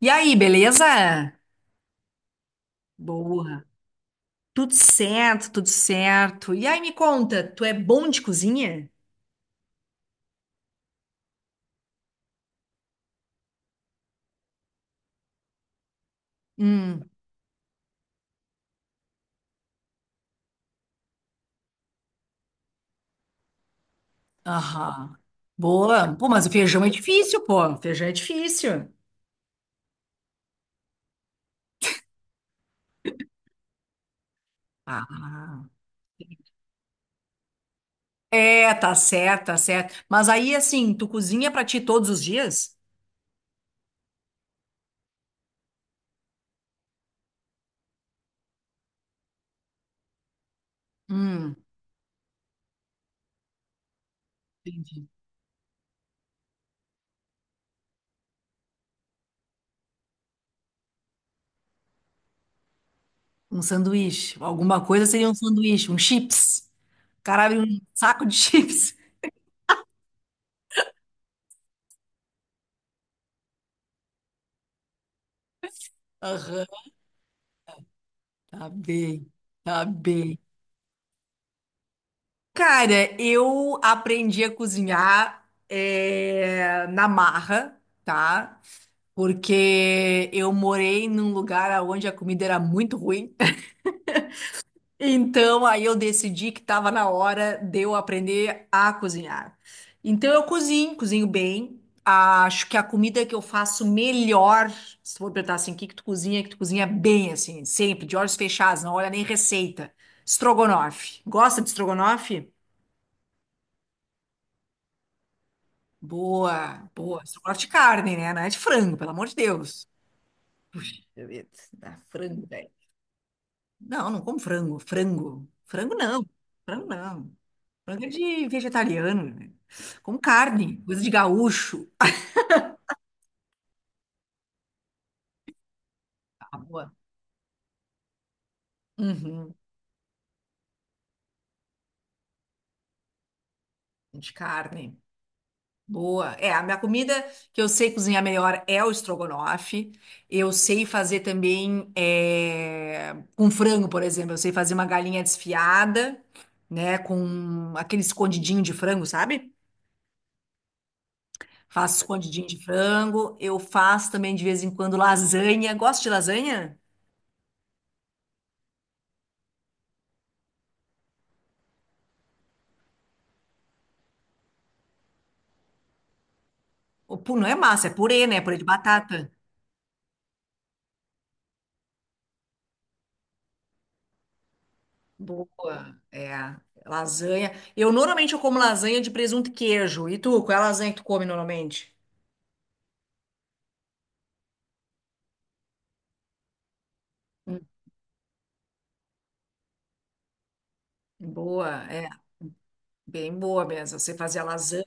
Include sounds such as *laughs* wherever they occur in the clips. E aí, beleza? Boa. Tudo certo, tudo certo. E aí, me conta, tu é bom de cozinha? Hum, aham. Boa. Pô, mas o feijão é difícil, pô. Feijão é difícil. Ah. É, tá certo, tá certo. Mas aí, assim, tu cozinha pra ti todos os dias? Hum, entendi. Um sanduíche. Alguma coisa seria um sanduíche, um chips. Caralho, um saco de chips. *laughs* Aham. Tá bem, tá bem. Cara, eu aprendi a cozinhar na marra, tá? Porque eu morei num lugar onde a comida era muito ruim. *laughs* Então, aí eu decidi que estava na hora de eu aprender a cozinhar. Então, eu cozinho, cozinho bem. Acho que a comida que eu faço melhor, se tu for perguntar assim, o que que tu cozinha bem, assim, sempre, de olhos fechados, não olha nem receita. Estrogonofe. Gosta de estrogonofe? Boa, boa. Estrogonofe de carne, né? Não é de frango, pelo amor de Deus. Deixa eu ver. Ah, frango, velho. Não, não como frango. Frango. Frango não. Frango não. Frango é de vegetariano, né? Como carne, coisa de gaúcho. Ah, boa. Uhum, de carne. Boa. É, a minha comida que eu sei cozinhar melhor é o estrogonofe. Eu sei fazer também é, com frango, por exemplo. Eu sei fazer uma galinha desfiada, né? Com aquele escondidinho de frango, sabe? Faço escondidinho de frango. Eu faço também de vez em quando lasanha. Gosto de lasanha? Não é massa, é purê, né? Purê de batata. Boa. É, lasanha. Eu normalmente eu como lasanha de presunto e queijo. E tu, qual é a lasanha que tu come normalmente? Boa, é, bem boa mesmo. Você fazia lasanha.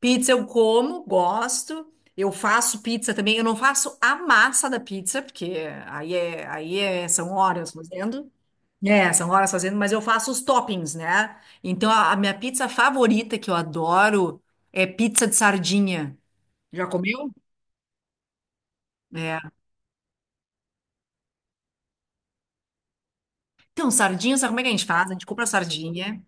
Pizza eu como, gosto. Eu faço pizza também. Eu não faço a massa da pizza, porque aí é, são horas fazendo. É, são horas fazendo, mas eu faço os toppings, né? Então a minha pizza favorita que eu adoro é pizza de sardinha. Já comeu? É. Então, sardinha, sabe como é que a gente faz? A gente compra sardinha.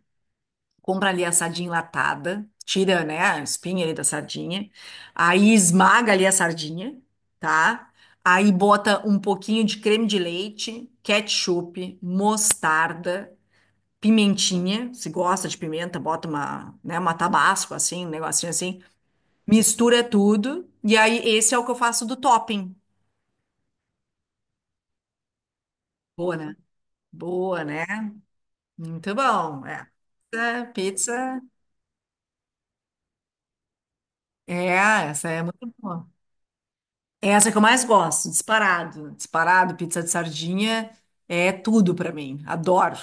Compra ali a sardinha enlatada, tira, né, a espinha ali da sardinha, aí esmaga ali a sardinha, tá? Aí bota um pouquinho de creme de leite, ketchup, mostarda, pimentinha, se gosta de pimenta, bota uma, né, uma tabasco assim, um negocinho assim, mistura tudo, e aí esse é o que eu faço do topping. Boa, né? Boa, né? Muito bom, é. Pizza, pizza, é, essa é muito boa. É essa que eu mais gosto, disparado. Disparado, pizza de sardinha é tudo pra mim, adoro.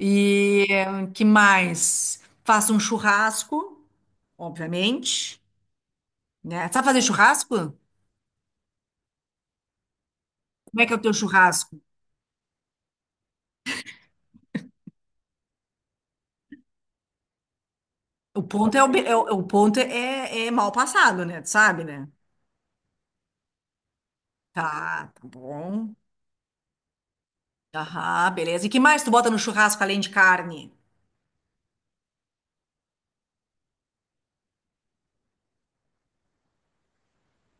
E que mais? Faço um churrasco, obviamente, né? Sabe fazer churrasco? Como é que é o teu churrasco? O ponto é o, be- é o- é o ponto é, é mal passado, né? Tu sabe, né? Tá, tá bom. Aham, beleza. E que mais tu bota no churrasco além de carne?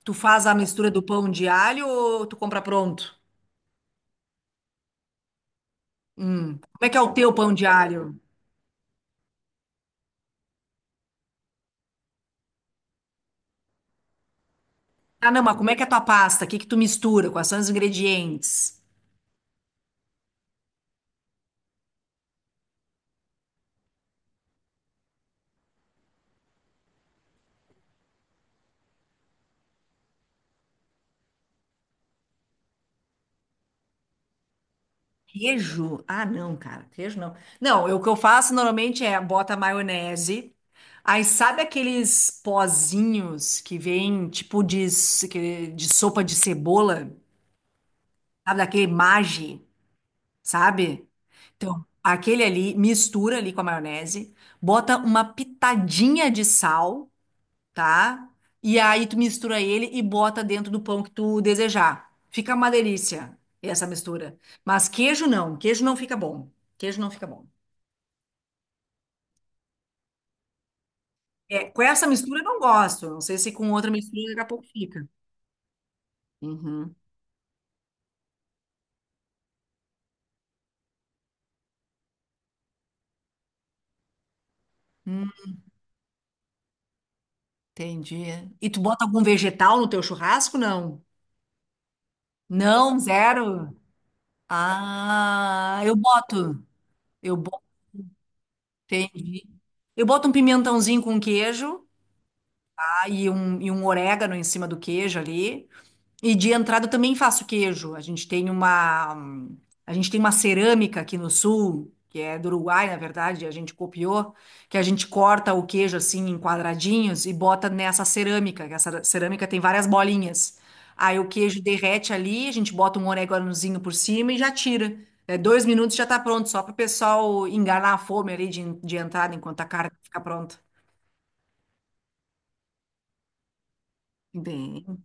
Tu faz a mistura do pão de alho ou tu compra pronto? Hum. Como é que é o teu pão de alho? Ah, não, mas como é que é a tua pasta? O que que tu mistura? Quais são os ingredientes? Queijo? Ah, não, cara, queijo não. Não, o que eu faço normalmente é bota maionese. Aí sabe aqueles pozinhos que vem tipo de sopa de cebola? Sabe daquele Maggi, sabe? Então, aquele ali mistura ali com a maionese, bota uma pitadinha de sal, tá? E aí tu mistura ele e bota dentro do pão que tu desejar. Fica uma delícia essa mistura. Mas queijo não fica bom. Queijo não fica bom. É, com essa mistura eu não gosto. Não sei se com outra mistura daqui a pouco fica. Uhum. Hum, entendi. E tu bota algum vegetal no teu churrasco? Não. Não, zero. Ah, eu boto. Eu boto, entendi. Eu boto um pimentãozinho com queijo, tá? E um orégano em cima do queijo ali. E de entrada também faço queijo. A gente tem uma cerâmica aqui no sul, que é do Uruguai, na verdade, a gente copiou, que a gente corta o queijo assim em quadradinhos e bota nessa cerâmica, que essa cerâmica tem várias bolinhas. Aí o queijo derrete ali, a gente bota um oréganozinho por cima e já tira. É, 2 minutos já tá pronto, só para o pessoal enganar a fome ali de entrada enquanto a carne fica pronta. Bem,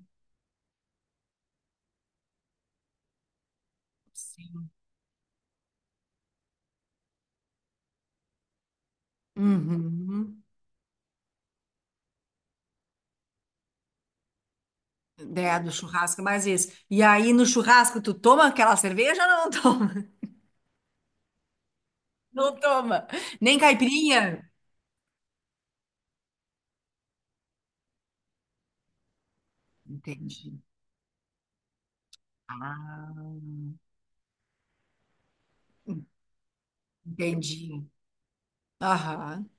sim. Uhum. É, do churrasco, mais isso. E aí, no churrasco, tu toma aquela cerveja ou não toma? *laughs* Não toma. Nem caipirinha? Entendi. Ah, entendi. Aham.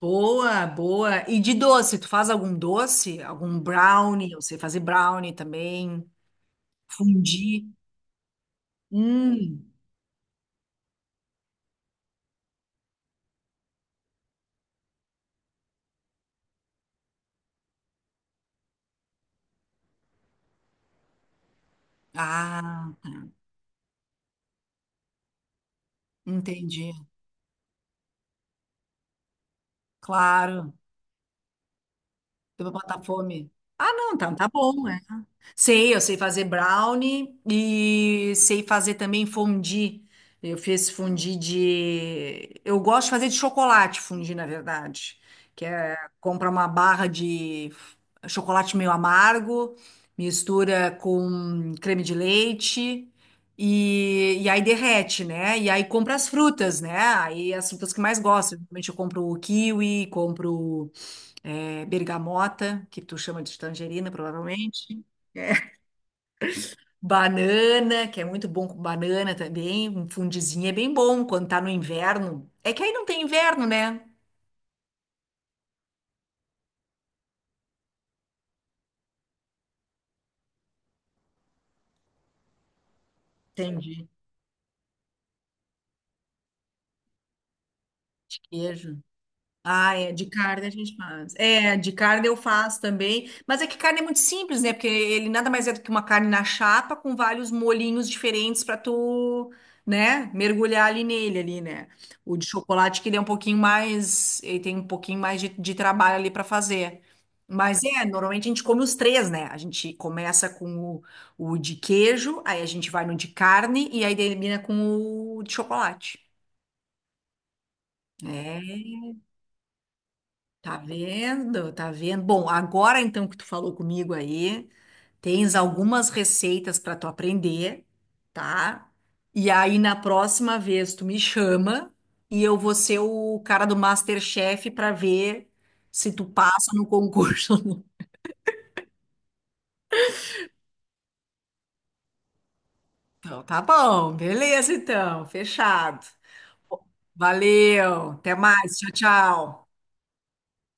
Boa, boa. E de doce, tu faz algum doce? Algum brownie? Eu sei fazer brownie também. Fondue. Hum. Ah, entendi. Claro. Deu pra botar fome. Ah, não, então tá bom, né? Sei, eu sei fazer brownie e sei fazer também fondue. Eu fiz fondue de. Eu gosto de fazer de chocolate fondue, na verdade. Que é compra uma barra de chocolate meio amargo, mistura com creme de leite e aí derrete, né? E aí compra as frutas, né? Aí as frutas que mais gosto. Normalmente eu compro o kiwi, compro bergamota, que tu chama de tangerina, provavelmente. É. Banana, que é muito bom com banana também, um fundizinho é bem bom quando tá no inverno. É que aí não tem inverno, né? Entendi. De queijo. Ah, é, de carne a gente faz. É, de carne eu faço também. Mas é que carne é muito simples, né? Porque ele nada mais é do que uma carne na chapa com vários molhinhos diferentes para tu, né, mergulhar ali nele ali, né? O de chocolate que ele é um pouquinho mais, ele tem um pouquinho mais de trabalho ali para fazer. Mas é, normalmente a gente come os três, né? A gente começa com o de queijo, aí a gente vai no de carne e aí termina com o de chocolate. É, tá vendo? Tá vendo? Bom, agora então que tu falou comigo aí, tens algumas receitas para tu aprender, tá? E aí na próxima vez tu me chama e eu vou ser o cara do MasterChef para ver se tu passa no concurso. Ou não. Então, tá bom, beleza então, fechado. Valeu, até mais, tchau, tchau.